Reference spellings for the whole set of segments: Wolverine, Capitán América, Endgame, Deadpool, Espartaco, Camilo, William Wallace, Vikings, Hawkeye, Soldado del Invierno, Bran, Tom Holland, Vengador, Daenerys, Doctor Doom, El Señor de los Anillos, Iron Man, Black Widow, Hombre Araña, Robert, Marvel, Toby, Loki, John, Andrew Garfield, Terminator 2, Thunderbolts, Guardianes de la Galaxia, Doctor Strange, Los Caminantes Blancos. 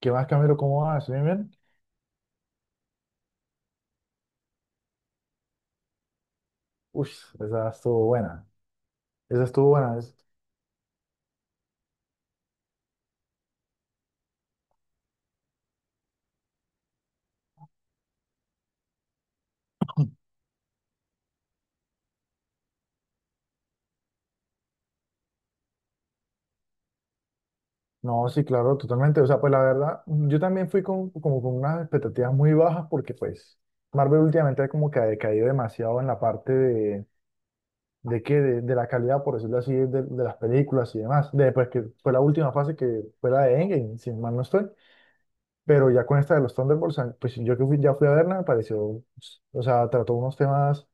¿Qué más, Camilo? ¿Cómo vas? ¿Bien, bien? Uy, esa estuvo buena. Esa estuvo buena. No, sí, claro, totalmente. O sea, pues la verdad, yo también fui como con unas expectativas muy bajas porque pues Marvel últimamente como que ha decaído demasiado en la parte de la calidad, por decirlo así, de las películas y demás. Después que fue la última fase que fue la de Endgame, sin mal no estoy. Pero ya con esta de los Thunderbolts, pues ya fui a verla, me pareció, o sea, trató unos temas,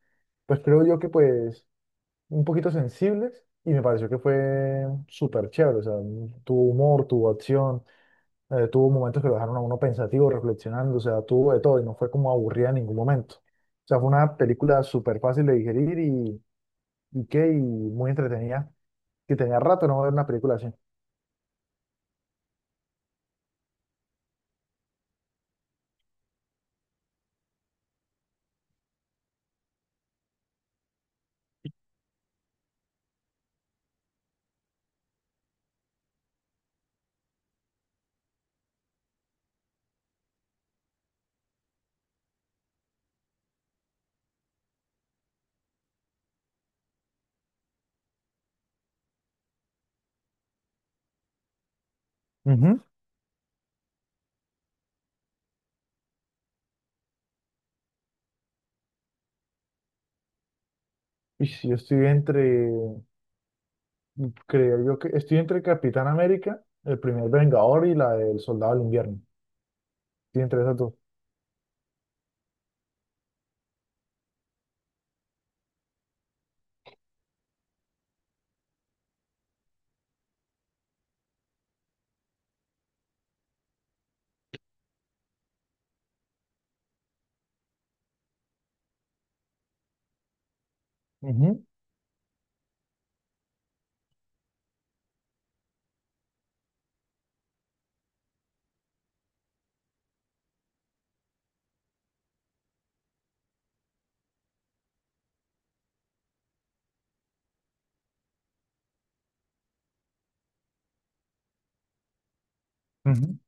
pues creo yo que pues un poquito sensibles y me pareció que fue súper chévere, o sea, tuvo humor, tuvo acción, tuvo momentos que lo dejaron a uno pensativo, reflexionando, o sea, tuvo de todo y no fue como aburrida en ningún momento. O sea, fue una película súper fácil de digerir y qué, y muy entretenida, que tenía rato no ver una película así. Ujú. Y si yo estoy entre, creo yo que estoy entre Capitán América, el primer Vengador y la del Soldado del Invierno. Estoy entre esas dos. Ujú, ujú,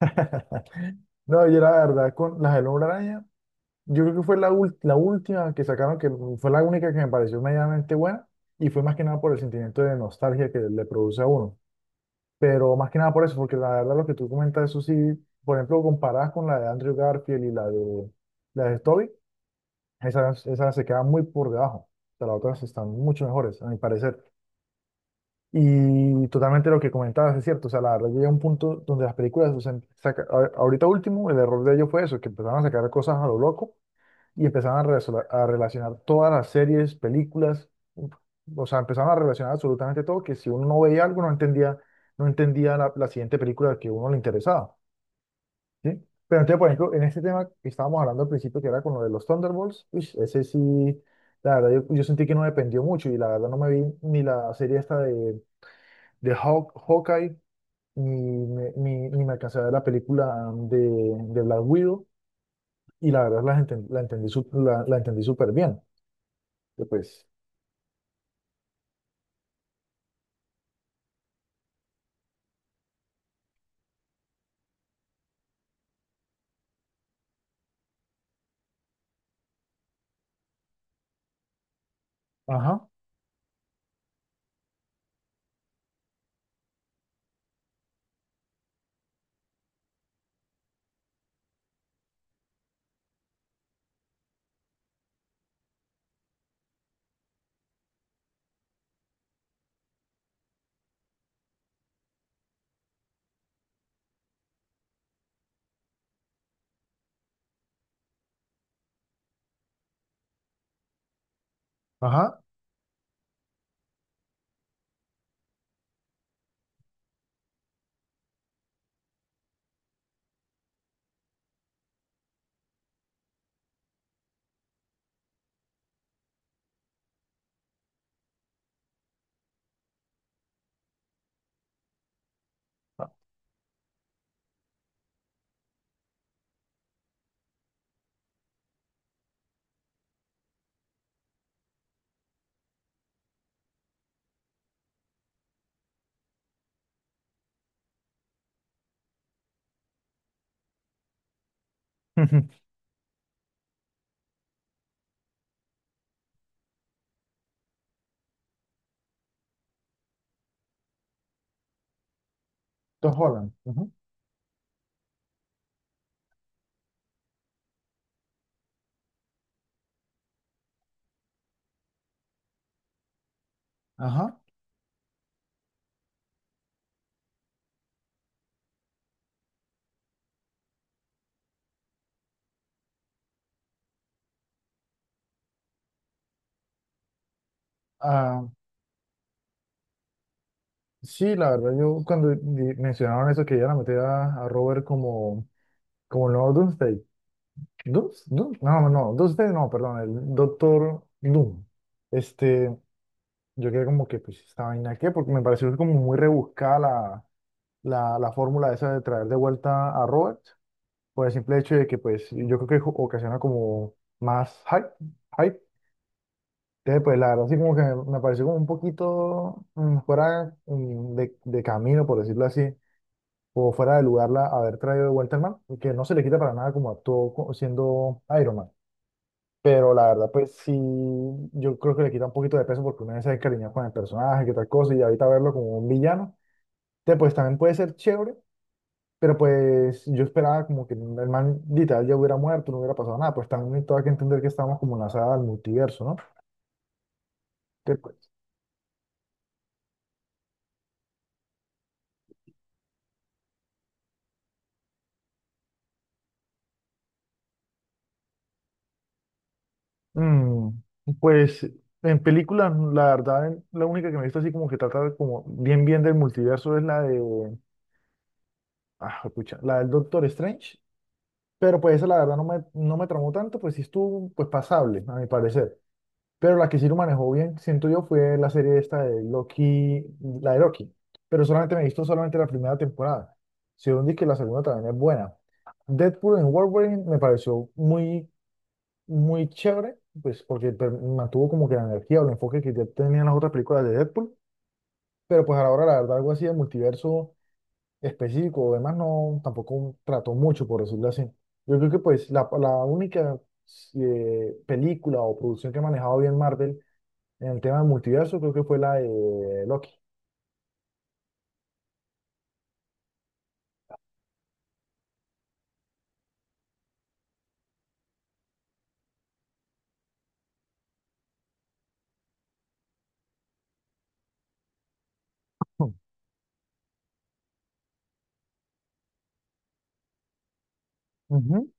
ajá. No, yo la verdad, con las del Hombre Araña, yo creo que fue la última que sacaron, que fue la única que me pareció medianamente buena, y fue más que nada por el sentimiento de nostalgia que le produce a uno. Pero más que nada por eso, porque la verdad lo que tú comentas, eso sí, por ejemplo, comparadas con la de Andrew Garfield y la de Toby, esas se quedan muy por debajo. Pero las otras están mucho mejores, a mi parecer. Y totalmente lo que comentabas es cierto, o sea, la verdad llega un punto donde las películas, o sea, ahorita último, el error de ellos fue eso, que empezaron a sacar cosas a lo loco y empezaron a relacionar todas las series, películas, o sea, empezaron a relacionar absolutamente todo, que si uno no veía algo, no entendía, no entendía la siguiente película que a uno le interesaba, ¿sí? Pero entonces, por ejemplo, en este tema que estábamos hablando al principio, que era con lo de los Thunderbolts, uish, ese sí, la verdad, yo sentí que no dependió mucho y la verdad no me vi ni la serie esta de Hawkeye, ni me alcancé a ver la película de Black Widow y la verdad la entendí, la entendí súper bien. Pues ajá, ajá. Tom Holland. Ujú, ajá. Ah, sí, la verdad, yo cuando mencionaron eso, que ya la meter a Robert como, como el nuevo Doomsday. No, no, no, Doomsday no, perdón, el Doctor Doom. Este, yo quedé como que, pues, ¿esta vaina qué? Porque me pareció como muy rebuscada la fórmula esa de traer de vuelta a Robert, por el simple hecho de que, pues, yo creo que ocasiona como más hype, hype. Entonces, pues la verdad, así como que me pareció como un poquito fuera, de camino, por decirlo así, o fuera de lugar haber traído de vuelta al man, y que no se le quita para nada como siendo Iron Man. Pero la verdad, pues sí, yo creo que le quita un poquito de peso porque uno ya se encariñó con el personaje, que tal cosa, y ahorita verlo como un villano, entonces, pues también puede ser chévere, pero pues yo esperaba como que el man literal ya hubiera muerto, no hubiera pasado nada, pues también todo hay que entender que estamos como en la saga del multiverso, ¿no? Mm, pues en películas, la verdad, la única que me he visto así como que trata de como bien bien del multiverso es la de, ah, pucha, la del Doctor Strange, pero pues esa la verdad no me tramó tanto, pues sí estuvo pues pasable, a mi parecer. Pero la que sí lo manejó bien, siento yo, fue la serie esta de Loki, la de Loki, pero solamente me he visto solamente la primera temporada. Según dije, la segunda también es buena. Deadpool en Wolverine me pareció muy chévere, pues porque mantuvo como que la energía o el enfoque que ya tenían las otras películas de Deadpool, pero pues a la hora, la verdad, algo así de multiverso específico o demás no, tampoco trató mucho, por decirlo así. Yo creo que pues la única película o producción que ha manejado bien Marvel en el tema de multiverso creo que fue la de Loki. Hmm. Ujú.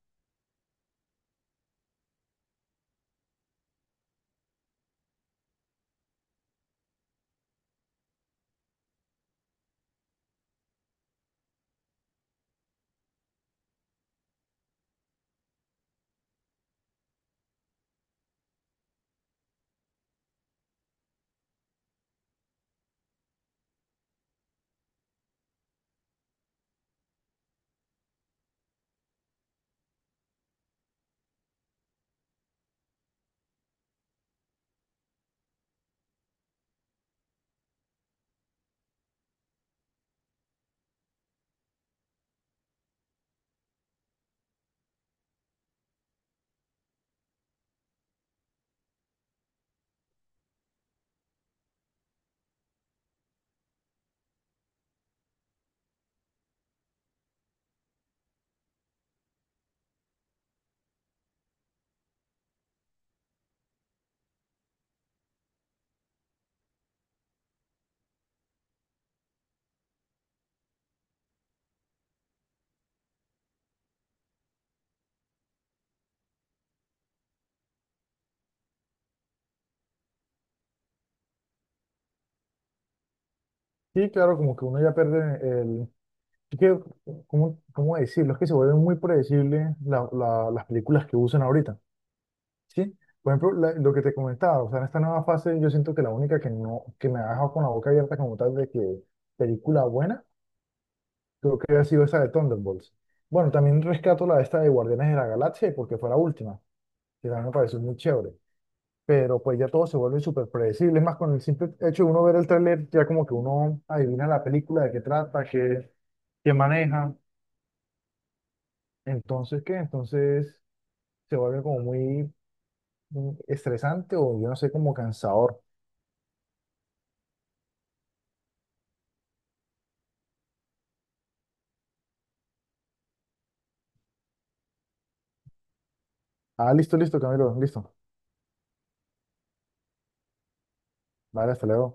Sí, claro, como que uno ya pierde el... es que, ¿cómo, cómo decirlo? Es que se vuelven muy predecibles las películas que usan ahorita. ¿Sí? Por ejemplo, lo que te comentaba, o sea, en esta nueva fase yo siento que la única que no, que me ha dejado con la boca abierta como tal de que película buena, creo que ha sido esa de Thunderbolts. Bueno, también rescato la de esta de Guardianes de la Galaxia porque fue la última, que también me pareció muy chévere. Pero pues ya todo se vuelve súper predecible, es más con el simple hecho de uno ver el tráiler, ya como que uno adivina la película, de qué trata, qué, qué maneja. Entonces, ¿qué? Entonces se vuelve como muy estresante o yo no sé, como cansador. Ah, listo, listo, Camilo, listo. Vale, hasta luego.